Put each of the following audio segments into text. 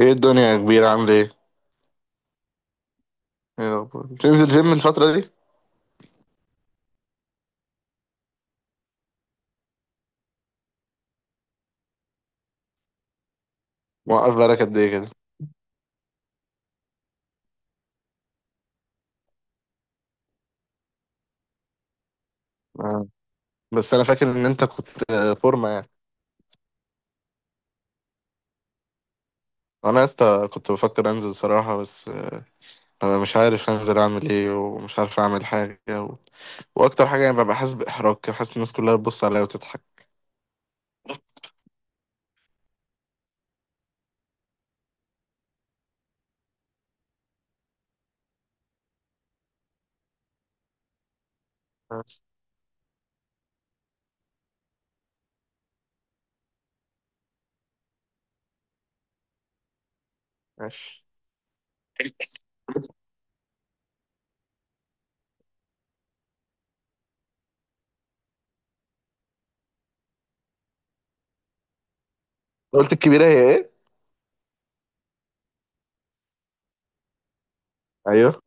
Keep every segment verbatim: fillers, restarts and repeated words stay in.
ايه الدنيا يا كبير؟ عامل ايه؟ ايه الأخبار؟ بتنزل جيم الفترة دي؟ موقف بقالك قد ايه كده؟ آه. بس انا فاكر ان انت كنت آه، فورمة يعني. انا يا اسطى كنت بفكر انزل صراحة، بس آه، انا مش عارف انزل اعمل ايه، ومش عارف اعمل حاجة و... واكتر حاجة يعني ببقى حاسس باحراج كده، حاسس الناس كلها بتبص عليا وتضحك. بس، ماشي. قلت الكبيرة هي ايه؟ ايوه.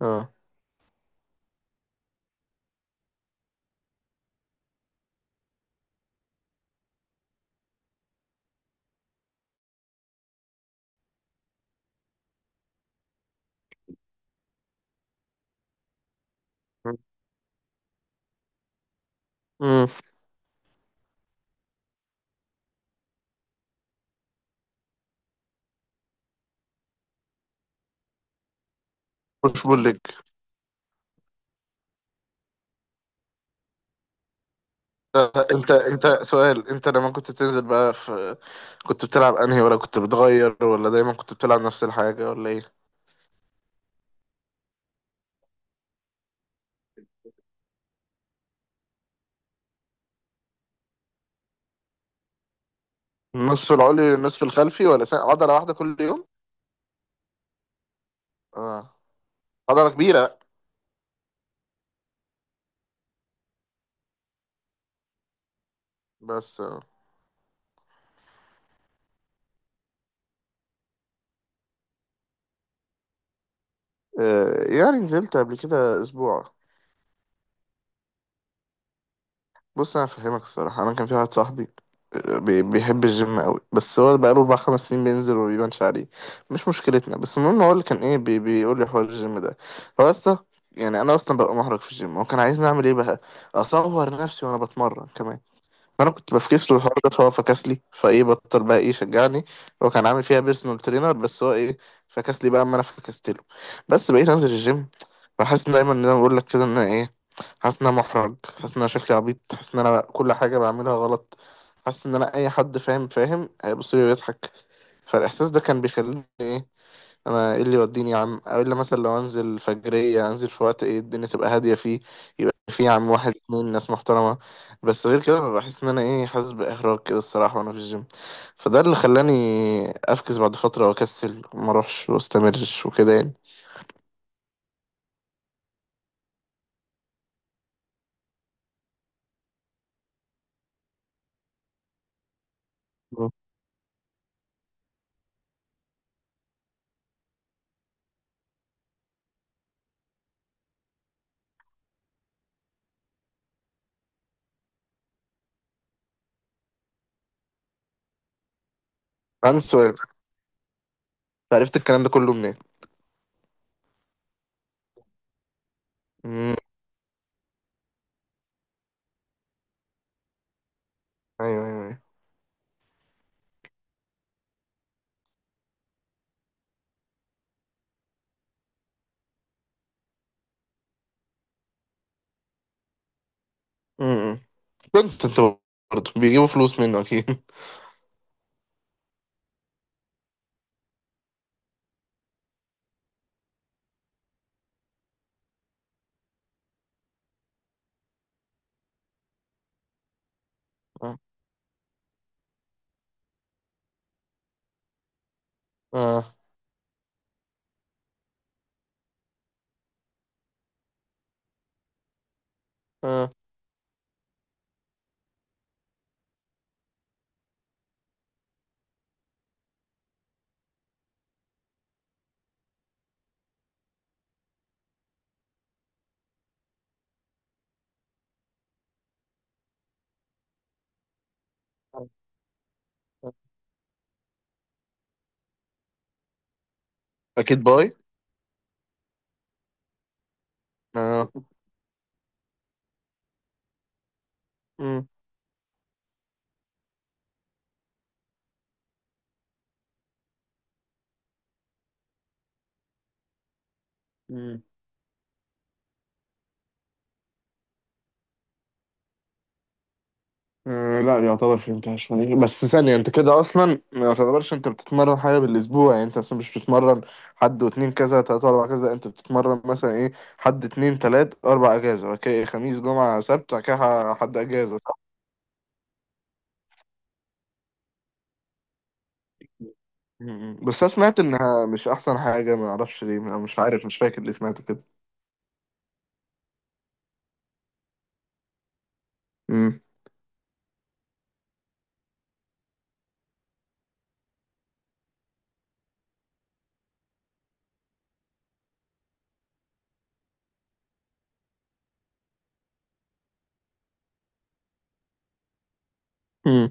اه. امم. بوش بول ليج. انت انت سؤال، انت لما كنت بتنزل بقى في كنت بتلعب انهي، ولا كنت بتغير، ولا دايما كنت بتلعب نفس الحاجة، ولا ايه؟ النصف العلوي والنصف الخلفي، ولا سنة عضلة واحدة كل يوم؟ اه. عضلة كبيرة. بس آه. آه، يعني نزلت قبل كده اسبوع. بص انا فاهمك الصراحه، انا كان في واحد صاحبي آه، بي- بيحب الجيم قوي، بس هو بقاله اربع خمس سنين بينزل وما بيبانش عليه. مش مشكلتنا، بس المهم هو اللي كان ايه، بي بيقول لي حوار الجيم ده. هو اصلا، يعني انا اصلا ببقى محرج في الجيم، هو كان عايزني اعمل ايه بقى؟ اصور نفسي وانا بتمرن كمان؟ فانا كنت بفكس له الحوار ده، فهو فكس لي، فايه بطل بقى ايه شجعني. هو كان عامل فيها بيرسونال ترينر، بس هو ايه، فكس لي بقى اما انا فكست له، بس بقيت انزل الجيم. بحس إن دايما زي ما بقول لك كده ان انا ايه، حاسس ان انا محرج، حاسس ان انا شكلي عبيط، حاسس ان انا كل حاجه بعملها غلط، حاسس ان انا اي حد فاهم فاهم هيبص لي ويضحك. فالاحساس ده كان بيخليني ايه، انا ايه اللي يوديني يا عم، او الا مثلا لو انزل فجريه، انزل في وقت ايه الدنيا تبقى هاديه فيه، يبقى فيه يا عم واحد اتنين ناس محترمه، بس غير كده ببقى بحس ان انا ايه، حاسس باحراج كده الصراحه وانا في الجيم. فده اللي خلاني افكس بعد فتره واكسل وما اروحش واستمرش وكده يعني. مم. عندي سؤال، أنت عرفت الكلام ده كله منين؟ مم، ايوه ايوه ايوه. مم. كنت انت برضه بيجيبوا فلوس منه اكيد آه. آه. آه. آه. اكيد باي. اه. مم. أه، لا يعتبر فهمتهاش يعني. بس ثانية، انت كده اصلا ما يعتبرش انت بتتمرن حاجة بالاسبوع؟ يعني انت مثلا مش بتتمرن حد واتنين كذا تلاتة اربعة كذا، لا، انت بتتمرن مثلا ايه، حد اتنين تلات اربع اجازة، بعد كده خميس جمعة سبت، بعد كده ح- حد اجازة، صح؟ م- م. بس انا سمعت انها مش احسن حاجة، ما اعرفش ليه، أنا مش عارف، مش فاكر اللي سمعت كده. م- م-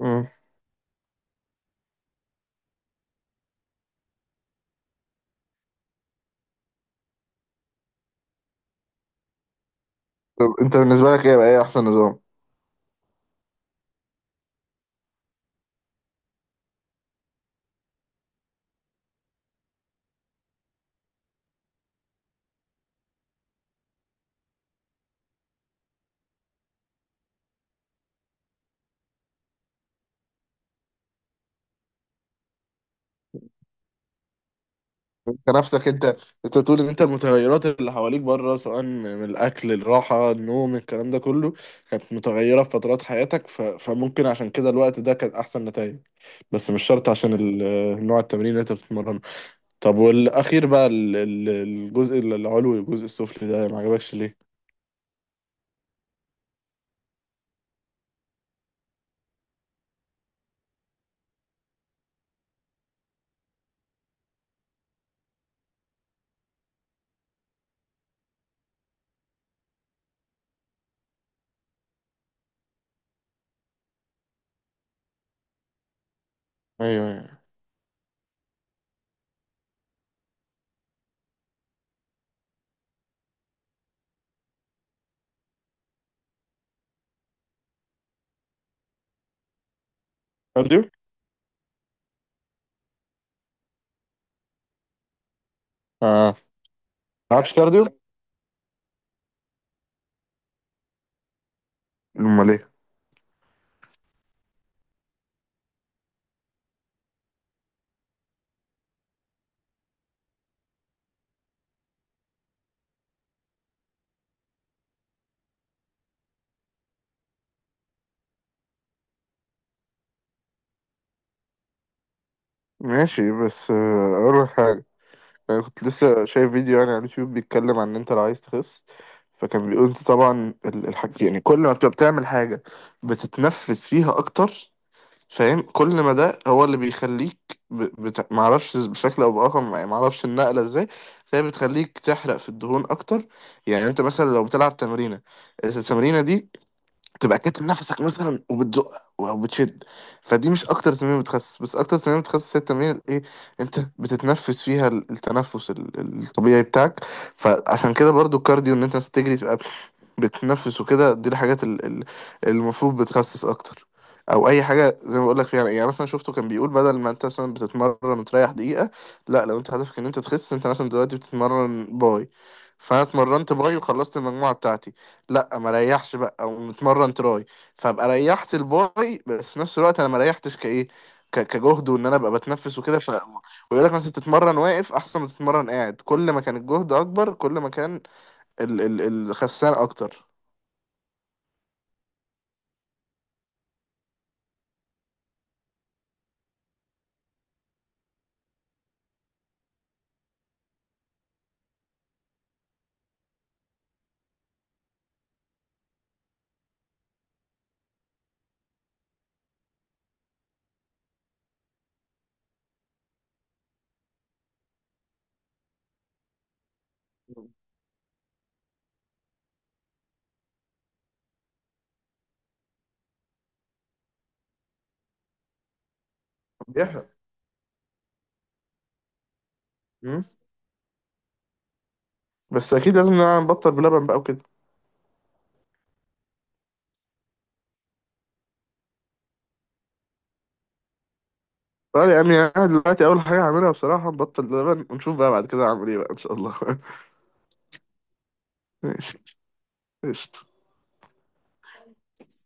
م. طب انت بالنسبة لك ايه بقى، ايه احسن نظام؟ انت نفسك انت، انت بتقول ان انت المتغيرات اللي حواليك بره، سواء من الاكل الراحه النوم الكلام ده كله، كانت متغيره في فترات حياتك، ف... فممكن عشان كده الوقت ده كان احسن نتائج، بس مش شرط عشان ال... نوع التمرين اللي انت بتتمرنه. طب والاخير بقى ال... ال- الجزء العلوي والجزء السفلي ده ما عجبكش ليه؟ ايوه ايوه. كارديو. اه. ما لعبش كارديو. امال ايه؟ ماشي، بس آه، اقول لك حاجه. انا كنت لسه شايف فيديو يعني على اليوتيوب بيتكلم عن ان انت لو عايز تخس، فكان بيقول انت طبعا ال- الحاج، يعني كل ما بتبقى بتعمل حاجه بتتنفس فيها اكتر، فاهم؟ كل ما ده هو اللي بيخليك ب... بت... معرفش إز- بشكل او باخر، ما- يعني معرفش النقله ازاي، بس هي بتخليك تحرق في الدهون اكتر. يعني انت مثلا لو بتلعب تمرينه، التمرينه دي تبقى كاتم نفسك مثلا وبتزق وبتشد، فدي مش اكتر تمرين بتخسس، بس اكتر تمرين بتخسس هي التمرين ايه، انت بتتنفس فيها ال- التنفس ال- ال- الطبيعي بتاعك. فعشان كده برضو الكارديو، ان انت تجري تبقى بتتنفس وكده، دي الحاجات ال- ال- المفروض بتخسس اكتر. او اي حاجه زي ما بقول لك فيها، يعني مثلا شفته كان بيقول بدل ما انت مثلا بتتمرن تريح دقيقه، لا، لو انت هدفك ان انت تخس، انت مثلا دلوقتي بتتمرن باي، فانا اتمرنت باي وخلصت المجموعه بتاعتي، لا، ما ريحش بقى، او متمرن تراي، فابقى ريحت الباي بس في نفس الوقت انا ما ريحتش كايه، ك- كجهد، وان انا ابقى بتنفس وكده ف ويقول لك مثلا تتمرن واقف احسن ما تتمرن قاعد، كل ما كان الجهد اكبر كل ما كان ال ال الخسان اكتر. بيحرق. مم. بس اكيد لازم نبطل بلبن بقى وكده. طيب يا امي، انا دلوقتي اول حاجه هعملها بصراحه نبطل لبن، ونشوف بقى بعد كده هعمل ايه بقى ان شاء الله ماشي. قشطة.